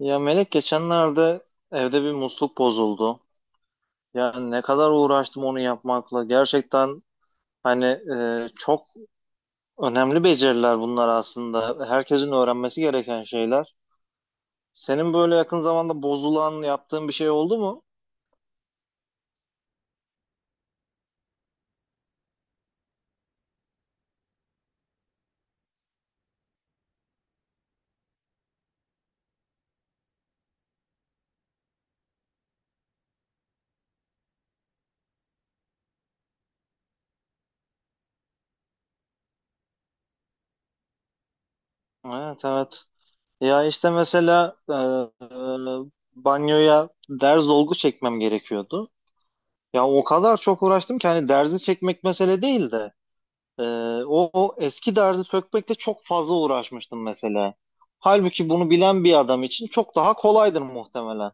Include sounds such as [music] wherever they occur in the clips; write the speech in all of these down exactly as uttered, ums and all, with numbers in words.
Ya Melek geçenlerde evde bir musluk bozuldu. Yani ne kadar uğraştım onu yapmakla. Gerçekten hani e, çok önemli beceriler bunlar aslında. Herkesin öğrenmesi gereken şeyler. Senin böyle yakın zamanda bozulan yaptığın bir şey oldu mu? Evet, evet. Ya işte mesela e, e, banyoya derz dolgu çekmem gerekiyordu. Ya o kadar çok uğraştım ki hani derzi çekmek mesele değildi. Ee, o, o eski derdi sökmekle çok fazla uğraşmıştım mesela. Halbuki bunu bilen bir adam için çok daha kolaydır muhtemelen.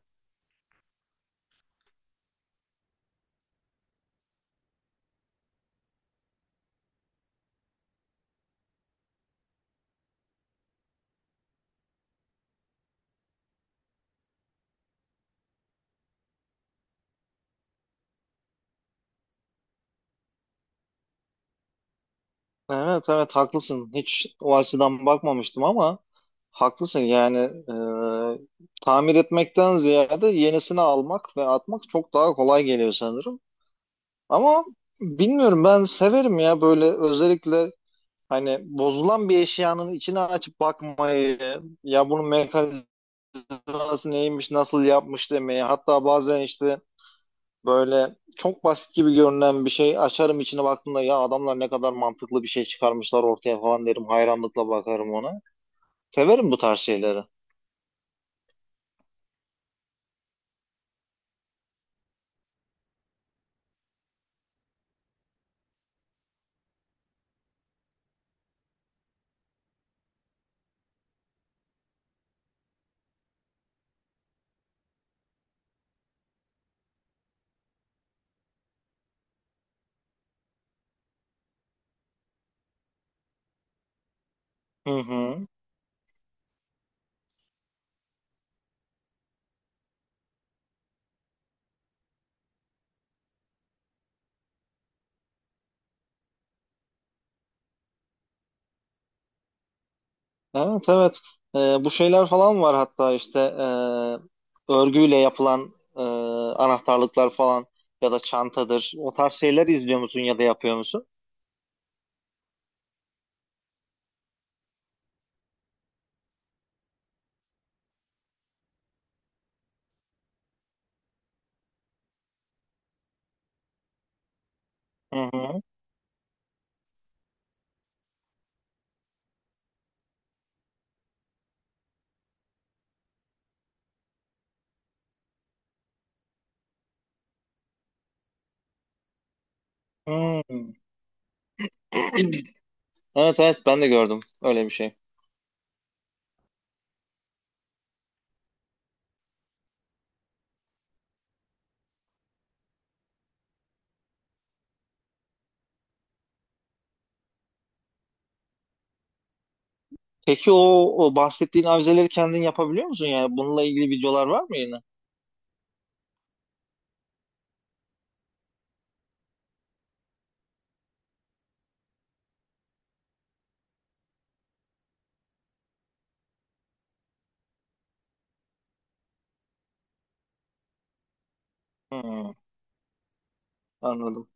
Evet, evet, haklısın. Hiç o açıdan bakmamıştım ama haklısın. Yani e, tamir etmekten ziyade yenisini almak ve atmak çok daha kolay geliyor sanırım. Ama bilmiyorum, ben severim ya böyle özellikle hani bozulan bir eşyanın içine açıp bakmayı, ya bunun mekanizması hatası neymiş, nasıl yapmış demeyi. Hatta bazen işte böyle çok basit gibi görünen bir şey açarım, içine baktığımda ya adamlar ne kadar mantıklı bir şey çıkarmışlar ortaya falan derim. Hayranlıkla bakarım ona. Severim bu tarz şeyleri. Hı hı. Evet, evet. Ee, bu şeyler falan var, hatta işte e, örgüyle yapılan e, anahtarlıklar falan ya da çantadır. O tarz şeyler izliyor musun ya da yapıyor musun? Hı hı. Hı. [clears throat] Evet, evet, ben de gördüm öyle bir şey. Peki o, o bahsettiğin avizeleri kendin yapabiliyor musun? Yani bununla ilgili videolar var mı yine? Hmm, anladım.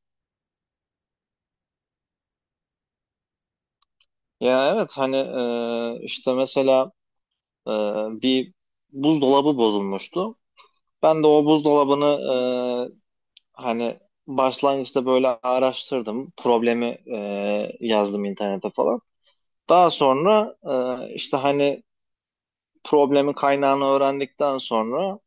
Ya evet, hani e, işte mesela e, bir buzdolabı bozulmuştu. Ben de o buzdolabını e, hani başlangıçta böyle araştırdım. Problemi e, yazdım internete falan. Daha sonra e, işte hani problemin kaynağını öğrendikten sonra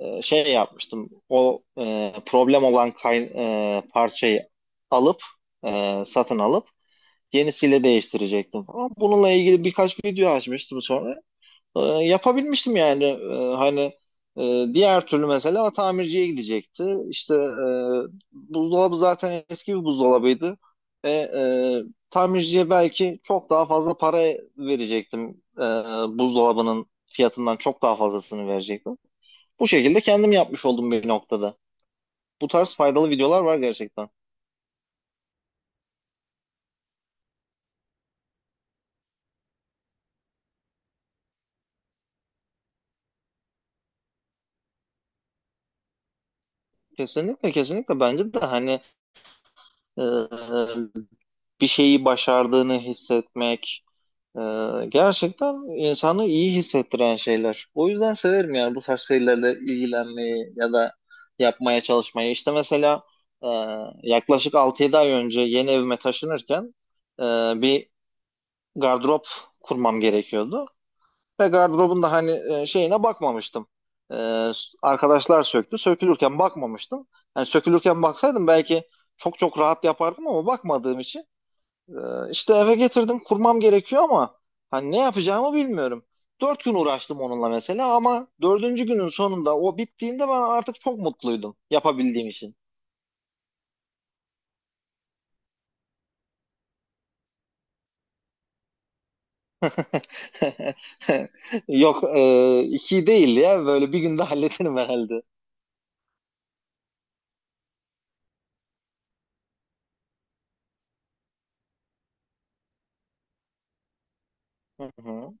e, şey yapmıştım. O e, problem olan kay- e, parçayı alıp e, satın alıp yenisiyle değiştirecektim falan. Bununla ilgili birkaç video açmıştım sonra. E, yapabilmiştim yani. E, hani e, diğer türlü mesela tamirciye gidecekti. İşte e, buzdolabı zaten eski bir buzdolabıydı. E, e, tamirciye belki çok daha fazla para verecektim. E, buzdolabının fiyatından çok daha fazlasını verecektim. Bu şekilde kendim yapmış oldum bir noktada. Bu tarz faydalı videolar var gerçekten. Kesinlikle, kesinlikle bence de hani e, bir şeyi başardığını hissetmek e, gerçekten insanı iyi hissettiren şeyler. O yüzden severim yani bu tarz şeylerle ilgilenmeyi ya da yapmaya çalışmayı. İşte mesela e, yaklaşık altı yedi ay önce yeni evime taşınırken e, bir gardırop kurmam gerekiyordu. Ve gardırobun da hani e, şeyine bakmamıştım. E, arkadaşlar söktü. Sökülürken bakmamıştım. Yani sökülürken baksaydım belki çok çok rahat yapardım, ama bakmadığım için. E, işte eve getirdim. Kurmam gerekiyor ama hani ne yapacağımı bilmiyorum. Dört gün uğraştım onunla mesela, ama dördüncü günün sonunda o bittiğinde ben artık çok mutluydum yapabildiğim için. [laughs] Yok e, iki değil ya, böyle bir günde hallederim herhalde. Hı hı,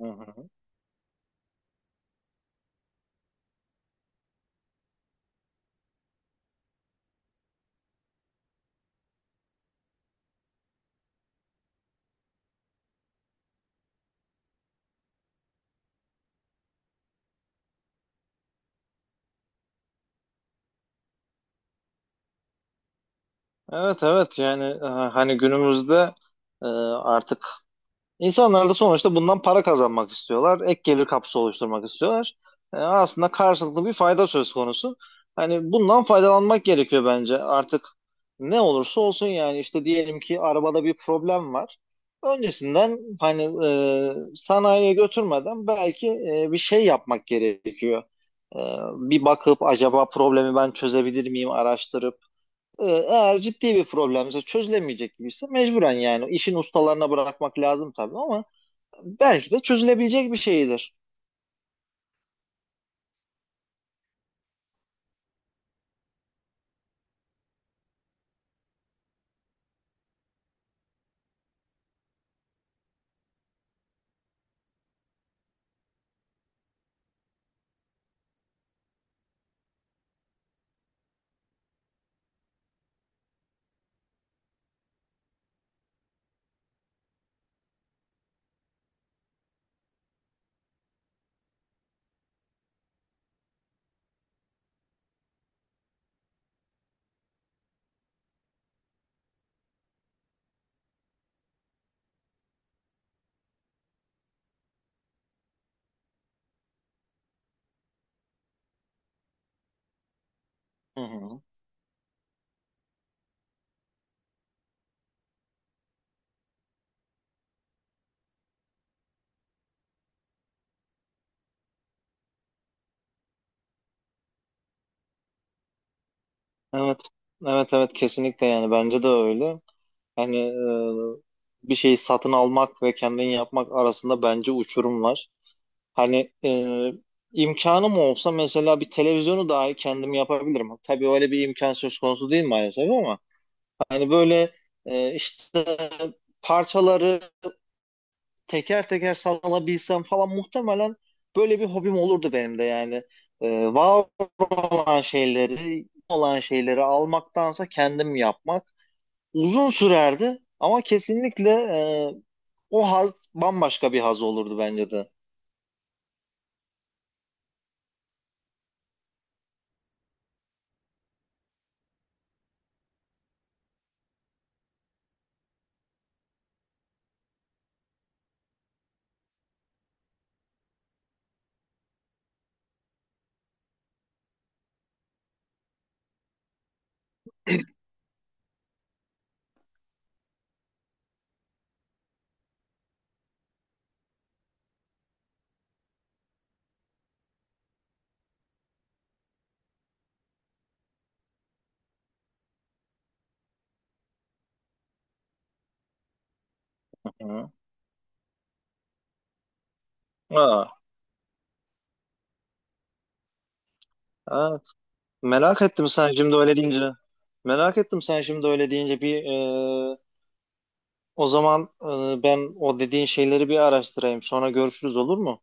hı hı. Evet, evet, yani e, hani günümüzde e, artık insanlar da sonuçta bundan para kazanmak istiyorlar. Ek gelir kapısı oluşturmak istiyorlar. E, aslında karşılıklı bir fayda söz konusu. Hani bundan faydalanmak gerekiyor bence. Artık ne olursa olsun yani işte diyelim ki arabada bir problem var. Öncesinden hani e, sanayiye götürmeden belki e, bir şey yapmak gerekiyor. E, bir bakıp acaba problemi ben çözebilir miyim araştırıp, ee, eğer ciddi bir problemse çözülemeyecek gibiyse mecburen yani işin ustalarına bırakmak lazım tabii, ama belki de çözülebilecek bir şeydir. Hı hı. Evet. Evet, evet, kesinlikle yani bence de öyle. Hani e, bir şeyi satın almak ve kendin yapmak arasında bence uçurum var. Hani e, imkanım olsa mesela bir televizyonu dahi kendim yapabilirim. Tabii öyle bir imkan söz konusu değil maalesef, ama hani böyle e, işte parçaları teker teker sallanabilsem falan muhtemelen böyle bir hobim olurdu benim de yani. Ee, var olan şeyleri, olan şeyleri almaktansa kendim yapmak uzun sürerdi, ama kesinlikle e, o haz bambaşka bir haz olurdu bence de. Hı. Aa, evet. Merak ettim sen şimdi öyle deyince. Merak ettim sen şimdi öyle deyince bir e, o zaman e, ben o dediğin şeyleri bir araştırayım. Sonra görüşürüz, olur mu?